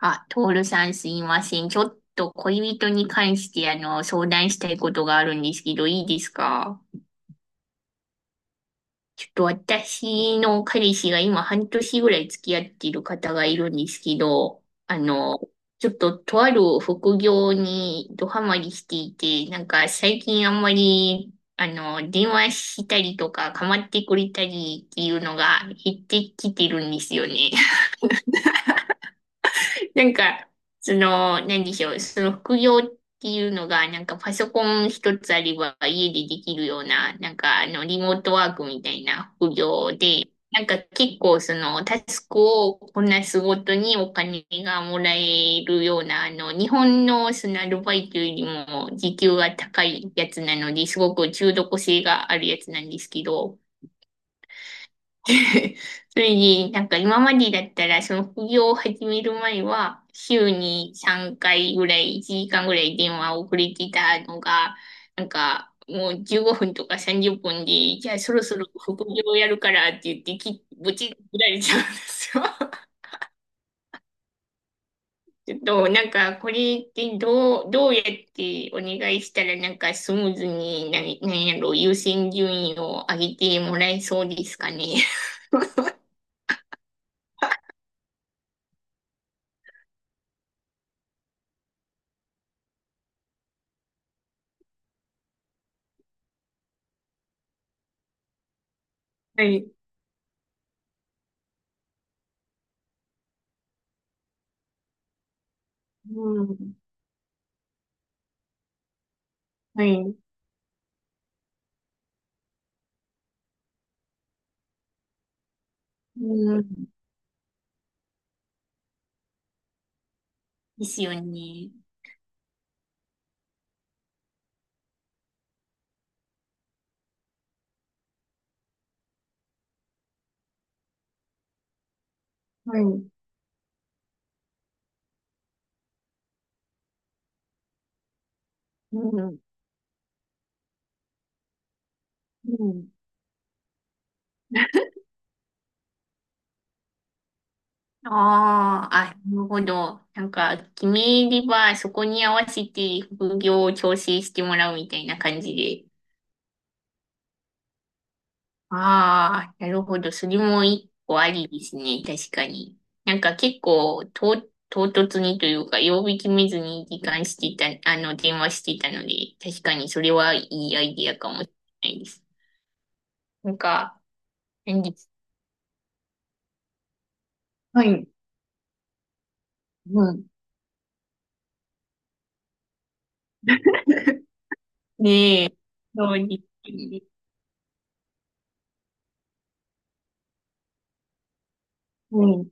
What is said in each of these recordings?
あ、トールさんすいません。ちょっと恋人に関して相談したいことがあるんですけど、いいですか？ちょっと私の彼氏が今半年ぐらい付き合っている方がいるんですけど、ちょっととある副業にドハマりしていて、なんか最近あんまり、電話したりとか構ってくれたりっていうのが減ってきてるんですよね。なんか、その、何でしょう、その副業っていうのが、なんかパソコン一つあれば家でできるような、リモートワークみたいな副業で、なんか結構その、タスクをこなすごとにお金がもらえるような、日本のそのアルバイトよりも時給が高いやつなので、すごく中毒性があるやつなんですけど、それで、なんか今までだったら、その副業を始める前は、週に3回ぐらい、1時間ぐらい電話をくれてたのが、なんかもう15分とか30分で、じゃあそろそろ副業をやるからって言ってき、ぶち切られちゃうんですよ。ちょっと、なんか、これってどうやってお願いしたら、なんかスムーズに、ななんやろ、優先順位を上げてもらえそうですかね。はい。うん。はい。うん。ですよね。はい。うん。うん。ああ、あ、なるほど。なんか、決めれば、そこに合わせて副業を調整してもらうみたいな感じで。ああ、なるほど。それも一個ありですね。確かに。なんか結構、と、唐突にというか、曜日決めずに時間してた、あの、電話してたので、確かにそれはいいアイディアかもしれないです。なんか、何ですはい。うんねえ、そうに。うん、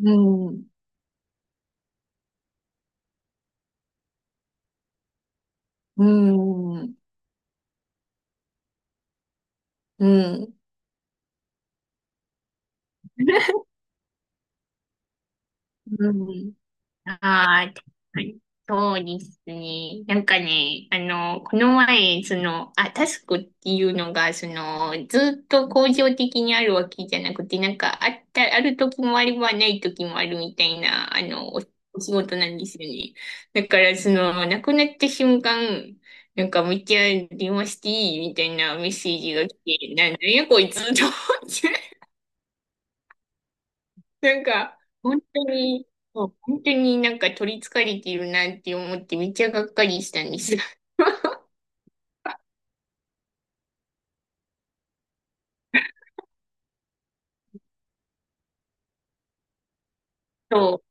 うん、うん、うん、うん。ああ、確かにそうですね。なんかね、この前、その、あ、タスクっていうのが、その、ずっと恒常的にあるわけじゃなくて、なんか、あった、ある時もあればない時もあるみたいな、お仕事なんですよね。だから、その、なくなった瞬間、なんか、めっちゃ電話していいみたいなメッセージが来て、なんなんやこいつと思って。なんか、本当に、そう本当になんか取り憑かれているなって思って、めっちゃがっかりしたんですが。そ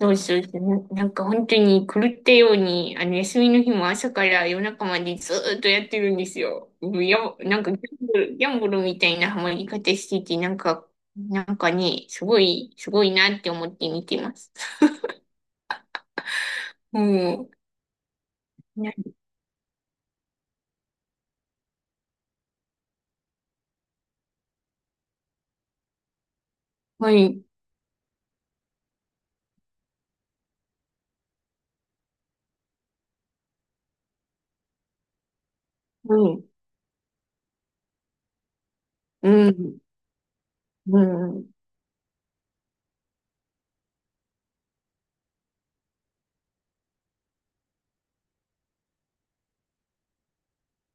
そうそうそう、なんか本当に狂ったように、休みの日も朝から夜中までずーっとやってるんですよ。もうや、なんかギャンブルみたいなハマり方してて、なんか、なんかね、すごいなって思って見てます。もう、ねはい、はい、うん、うん、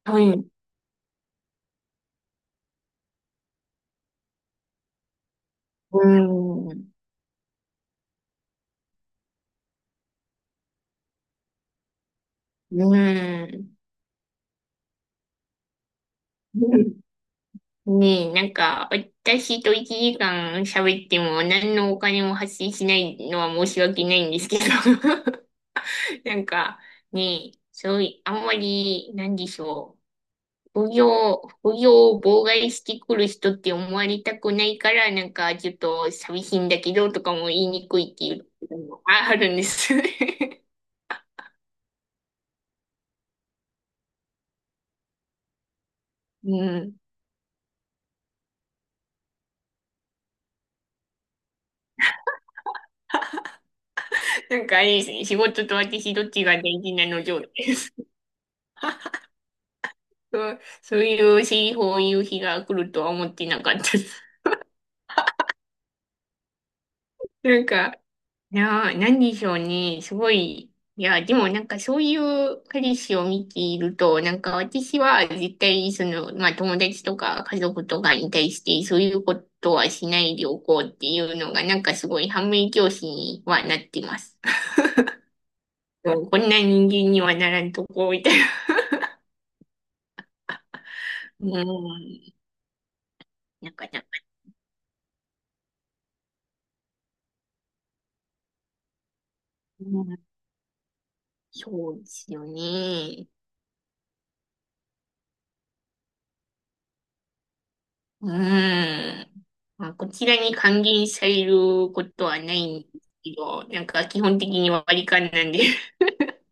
はい、うん、うん。うんねえ、なんか、私と1時間喋っても何のお金も発生しないのは申し訳ないんですけど。なんか、ねえ、そういあんまり、なんでしょう。副業を妨害してくる人って思われたくないから、なんか、ちょっと寂しいんだけど、とかも言いにくいっていうのもあるんですよね。うん。なんかあれですね、仕事と私どっちが大事なの状態です。そうそういう日、そういう日が来るとは思ってなかったです。なんか、なあ、何でしょうね。すごい。いや、でもなんかそういう彼氏を見ていると、なんか私は絶対その、まあ友達とか家族とかに対してそういうことはしないでおこうっていうのがなんかすごい反面教師にはなってます。そうこんな人間にはならんとこ、みたいな。うん。なかなか。うん、そうですよね。うーん。まあ、こちらに還元されることはないんですけど、なんか基本的に割り勘なんで。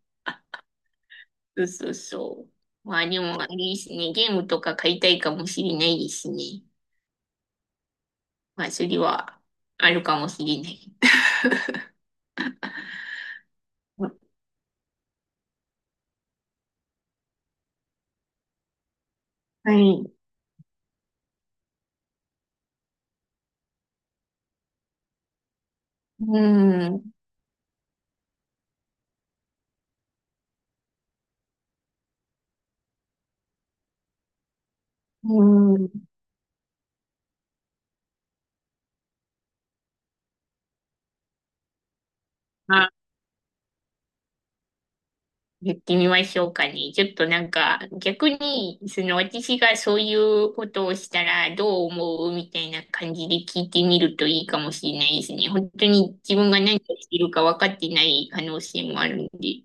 そうそうそう。まあでも、あれですね。ゲームとか買いたいかもしれないですね。まあ、それはあるかもしれない。はい。うーん。うーん。やってみましょうかね。ちょっとなんか、逆に、その私がそういうことをしたらどう思うみたいな感じで聞いてみるといいかもしれないですね。本当に自分が何をしているか分かってない可能性もあるんで。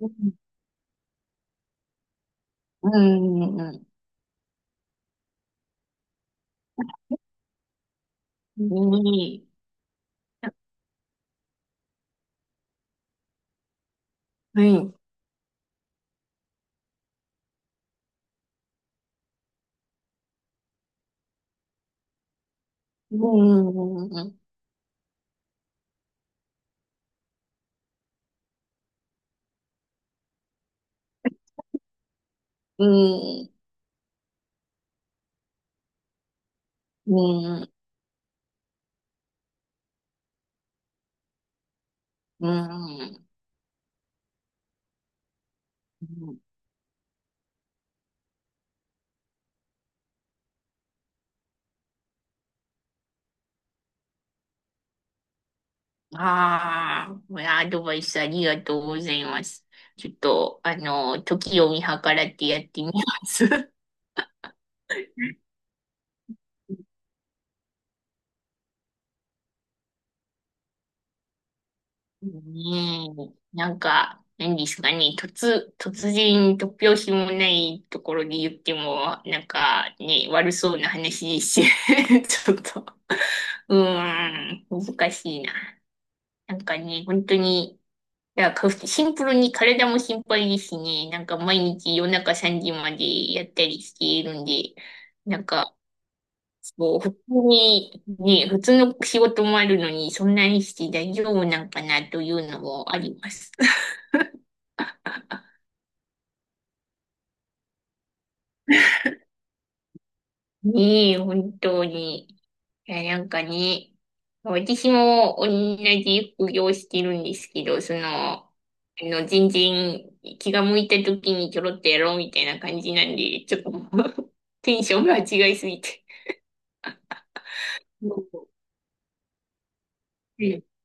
うん。うん。うんうんねえはい。うん。うん。うん。うん。うん。うん。ああ、いやアドバイスありがとうございます。ちょっと、あの、時を見計らってやってみます。ねえ、なんか、何ですかね、突拍子もないところで言っても、なんかね、悪そうな話ですし、ちょっと、うーん、難しいな。なんかね、本当に、シンプルに体も心配ですしね。なんか毎日夜中3時までやったりしているんで、なんか、そう、普通に、ね、普通の仕事もあるのに、そんなにして大丈夫なんかなというのもあります。ねえ、本当に。いや、なんかね、私も同じ副業してるんですけど、その、あ全然気が向いた時にちょろっとやろうみたいな感じなんで、ちょっともう テンションが違いすぎて。うん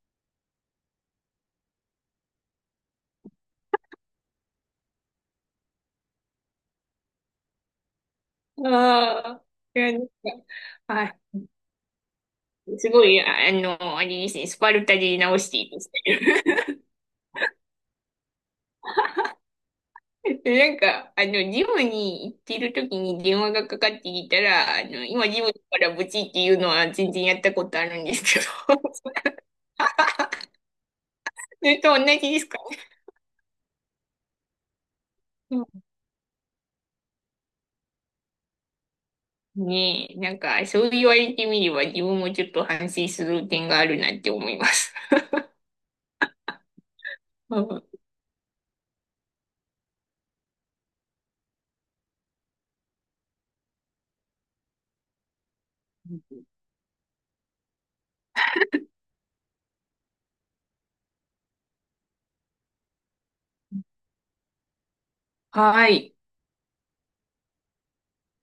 ああ、いや、なんか、あ、すごい、あれですね、スパルタで直していいですね なんか、ジムに行ってる時に電話がかかってきたら、今ジムからブチっていうのは全然やったことあるんですけど、それと同じですかね。うんねえ、なんか、そう言われてみれば自分もちょっと反省する点があるなって思います。うんはい。